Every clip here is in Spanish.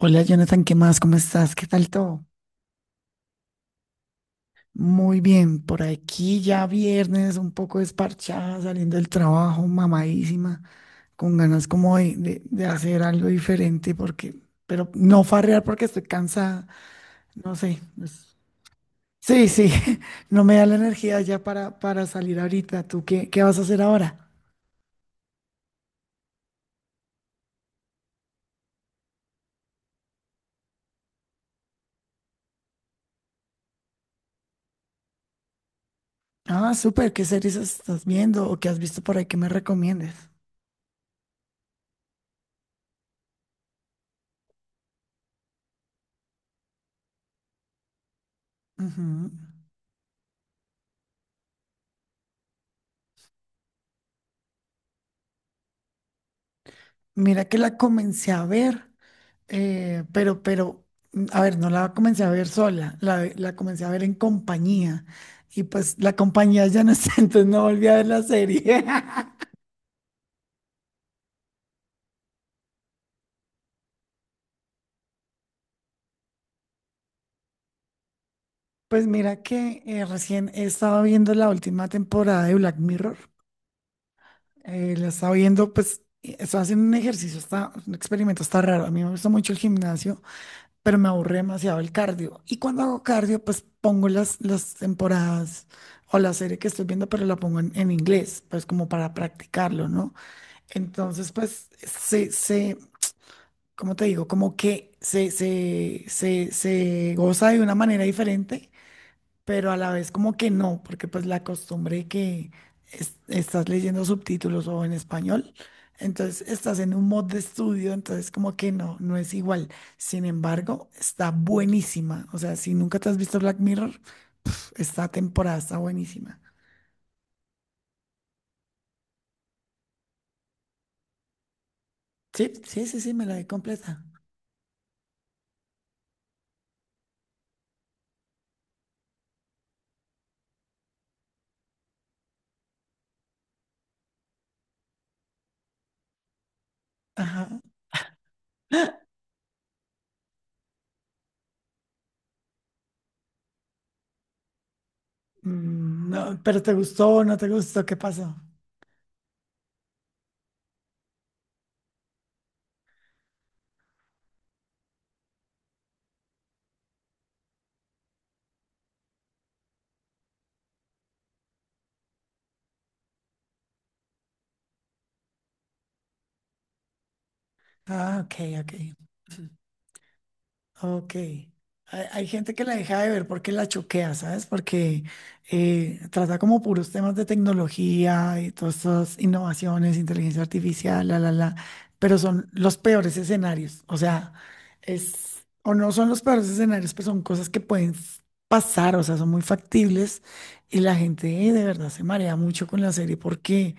Hola Jonathan, ¿qué más? ¿Cómo estás? ¿Qué tal todo? Muy bien, por aquí ya viernes, un poco desparchada, saliendo del trabajo, mamadísima, con ganas como de hacer algo diferente, porque, pero no farrear porque estoy cansada, no sé. Pues, sí, sí, no me da la energía ya para salir ahorita. ¿Tú qué vas a hacer ahora? Ah, súper, ¿qué series estás viendo o qué has visto por ahí que me recomiendes? Ujú. Mira que la comencé a ver. eh, pero, pero, a ver, no la comencé a ver sola, la comencé a ver en compañía. Y pues la compañía ya no está, entonces no volví a ver la serie. Pues mira que recién he estado viendo la última temporada de Black Mirror. La estaba viendo, pues, y estaba haciendo un ejercicio, está, un experimento, está raro. A mí me gusta mucho el gimnasio, pero me aburre demasiado el cardio. Y cuando hago cardio, pues pongo las temporadas o la serie que estoy viendo, pero la pongo en inglés, pues como para practicarlo, ¿no? Entonces, pues, ¿cómo te digo? Como que se goza de una manera diferente, pero a la vez como que no, porque pues la costumbre que estás leyendo subtítulos o en español, entonces estás en un mod de estudio, entonces como que no, no es igual. Sin embargo, está buenísima. O sea, si nunca te has visto Black Mirror, esta temporada está buenísima. Sí, sí, sí, sí, me la vi completa. Ajá. No, pero ¿te gustó no te gustó? ¿Qué pasó? Ah, ok, ok, ok. Hay gente que la deja de ver porque la choquea, ¿sabes? Porque trata como puros temas de tecnología y todas estas innovaciones, inteligencia artificial, pero son los peores escenarios. O sea, es, o no son los peores escenarios, pero son cosas que pueden pasar, o sea, son muy factibles y la gente de verdad se marea mucho con la serie porque...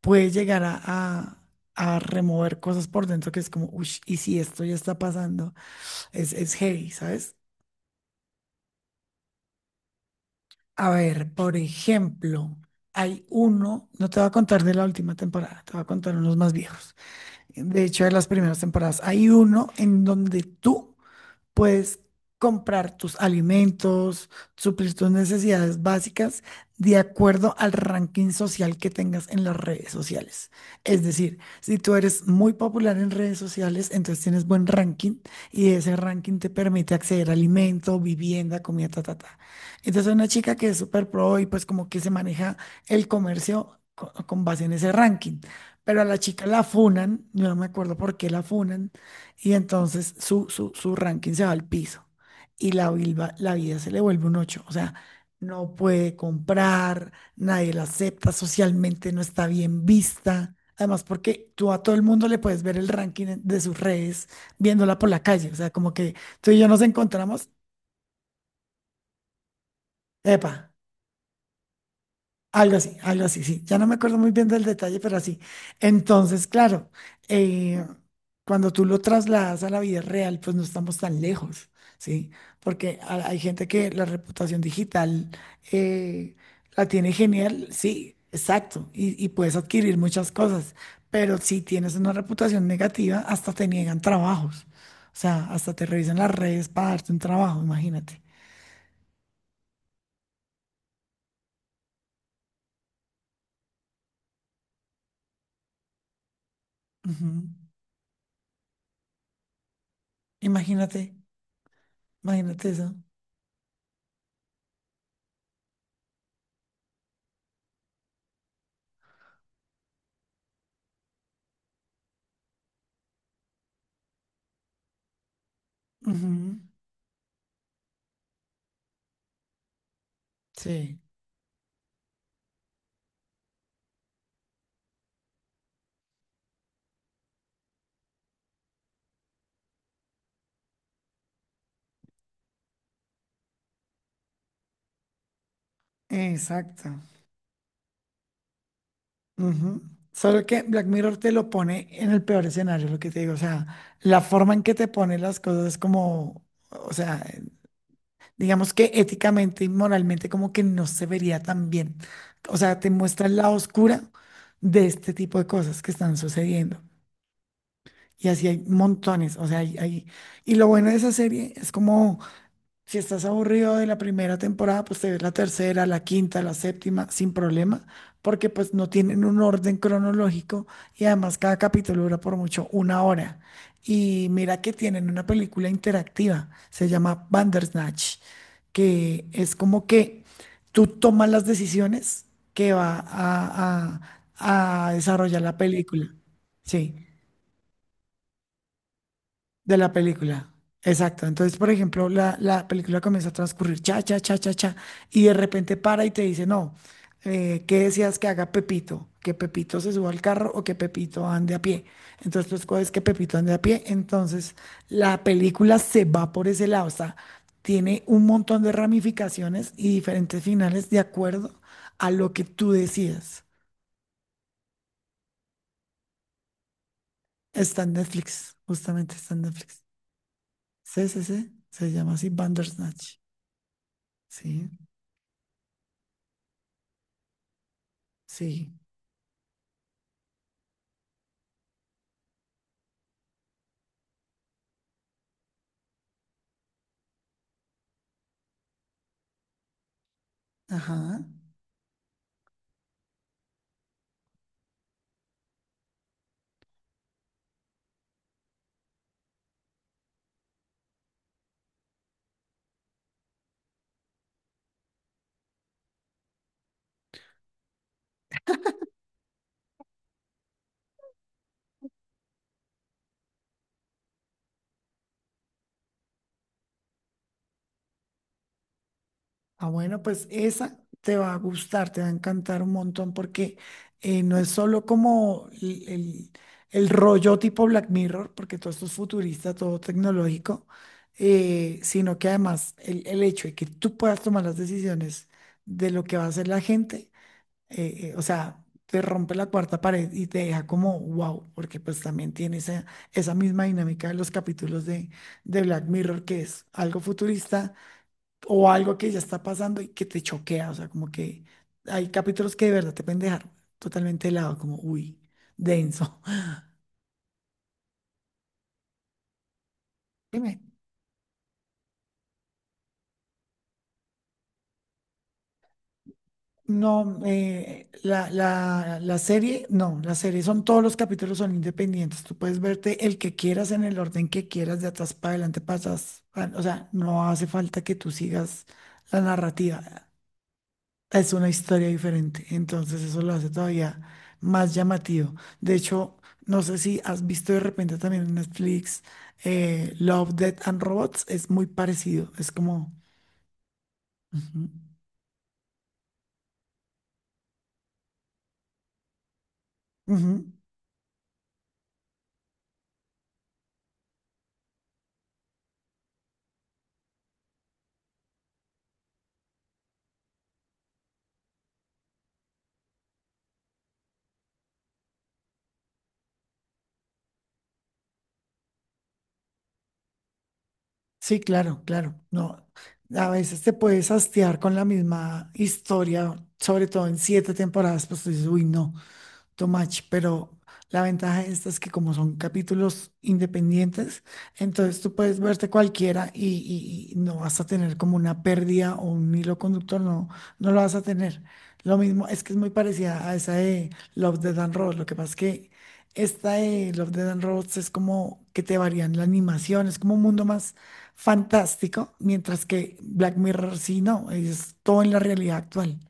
puede llegar a remover cosas por dentro que es como, uy, y si esto ya está pasando, es heavy, ¿sabes? A ver, por ejemplo, hay uno, no te voy a contar de la última temporada, te voy a contar unos más viejos. De hecho, de las primeras temporadas, hay uno en donde tú puedes comprar tus alimentos, suplir tus necesidades básicas de acuerdo al ranking social que tengas en las redes sociales. Es decir, si tú eres muy popular en redes sociales, entonces tienes buen ranking y ese ranking te permite acceder a alimento, vivienda, comida, ta, ta, ta. Entonces una chica que es súper pro y pues como que se maneja el comercio con base en ese ranking. Pero a la chica la funan, yo no me acuerdo por qué la funan, y entonces su ranking se va al piso y la vida se le vuelve un ocho. O sea, no puede comprar, nadie la acepta, socialmente no está bien vista. Además, porque tú a todo el mundo le puedes ver el ranking de sus redes viéndola por la calle. O sea, como que tú y yo nos encontramos, epa, algo así, algo así, sí. Ya no me acuerdo muy bien del detalle, pero así. Entonces, claro, eh, cuando tú lo trasladas a la vida real, pues no estamos tan lejos, ¿sí? Porque hay gente que la reputación digital eh, la tiene genial, sí, exacto, y puedes adquirir muchas cosas, pero si tienes una reputación negativa, hasta te niegan trabajos. O sea, hasta te revisan las redes para darte un trabajo, imagínate. Ujú. Imagínate, imagínate eso. Ujú. Sí. Exacto. Ujú. Solo que Black Mirror te lo pone en el peor escenario, lo que te digo. O sea, la forma en que te pone las cosas es como, o sea, digamos que éticamente y moralmente como que no se vería tan bien. O sea, te muestra el lado oscura de este tipo de cosas que están sucediendo. Y así hay montones. O sea, y lo bueno de esa serie es como... Si estás aburrido de la primera temporada, pues te ves la tercera, la quinta, la séptima, sin problema, porque pues no tienen un orden cronológico y además cada capítulo dura por mucho una hora. Y mira que tienen una película interactiva, se llama Bandersnatch, que es como que tú tomas las decisiones que va a desarrollar la película. Sí. De la película. Exacto. Entonces, por ejemplo, la película comienza a transcurrir cha, cha, cha, cha, cha, y de repente para y te dice, no, ¿qué decías que haga Pepito? ¿Que Pepito se suba al carro o que Pepito ande a pie? Entonces, pues coges que Pepito ande a pie. Entonces, la película se va por ese lado. O sea, tiene un montón de ramificaciones y diferentes finales de acuerdo a lo que tú decidas. Está en Netflix, justamente está en Netflix. Sí, sí, sí. Se llama así Bandersnatch. Sí. Sí, ajá. Ah, bueno, pues esa te va a gustar, te va a encantar un montón porque no es solo como el rollo tipo Black Mirror, porque todo esto es futurista, todo tecnológico, sino que además el hecho de que tú puedas tomar las decisiones de lo que va a hacer la gente, o sea, te rompe la cuarta pared y te deja como wow, porque pues también tiene esa, esa misma dinámica de los capítulos de Black Mirror, que es algo futurista o algo que ya está pasando y que te choquea, o sea, como que hay capítulos que de verdad te pueden dejar totalmente helado, como, uy, denso. Dime, no, la serie, no, la serie son, todos los capítulos son independientes, tú puedes verte el que quieras en el orden que quieras, de atrás para adelante pasas, o sea, no hace falta que tú sigas la narrativa. Es una historia diferente, entonces eso lo hace todavía más llamativo. De hecho, no sé si has visto de repente también en Netflix Love, Death and Robots, es muy parecido, es como... Ujú, ujú. Sí, claro, claro. No, a veces te puedes hastiar con la misma historia, sobre todo en 7 temporadas, pues tú dices, uy, no. Too much, pero la ventaja de esta es que como son capítulos independientes, entonces tú puedes verte cualquiera y no vas a tener como una pérdida o un hilo conductor, no, no lo vas a tener. Lo mismo es que es muy parecida a esa de Love, Death and Robots, lo que pasa es que esta de Love, Death and Robots es como que te varían la animación, es como un mundo más fantástico, mientras que Black Mirror sí, no, es todo en la realidad actual.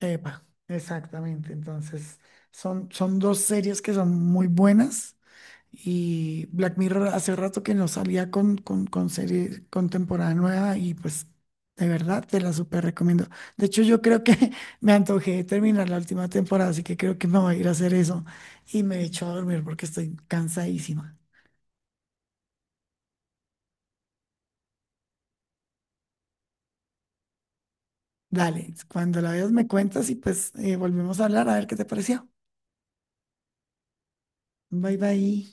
Epa, exactamente. Entonces, son, son dos series que son muy buenas. Y Black Mirror hace rato que no salía con serie, con temporada nueva y pues de verdad te la súper recomiendo. De hecho, yo creo que me antojé de terminar la última temporada, así que creo que me voy a ir a hacer eso y me echo a dormir porque estoy cansadísima. Dale, cuando la veas me cuentas y pues volvemos a hablar a ver qué te pareció. Bye bye.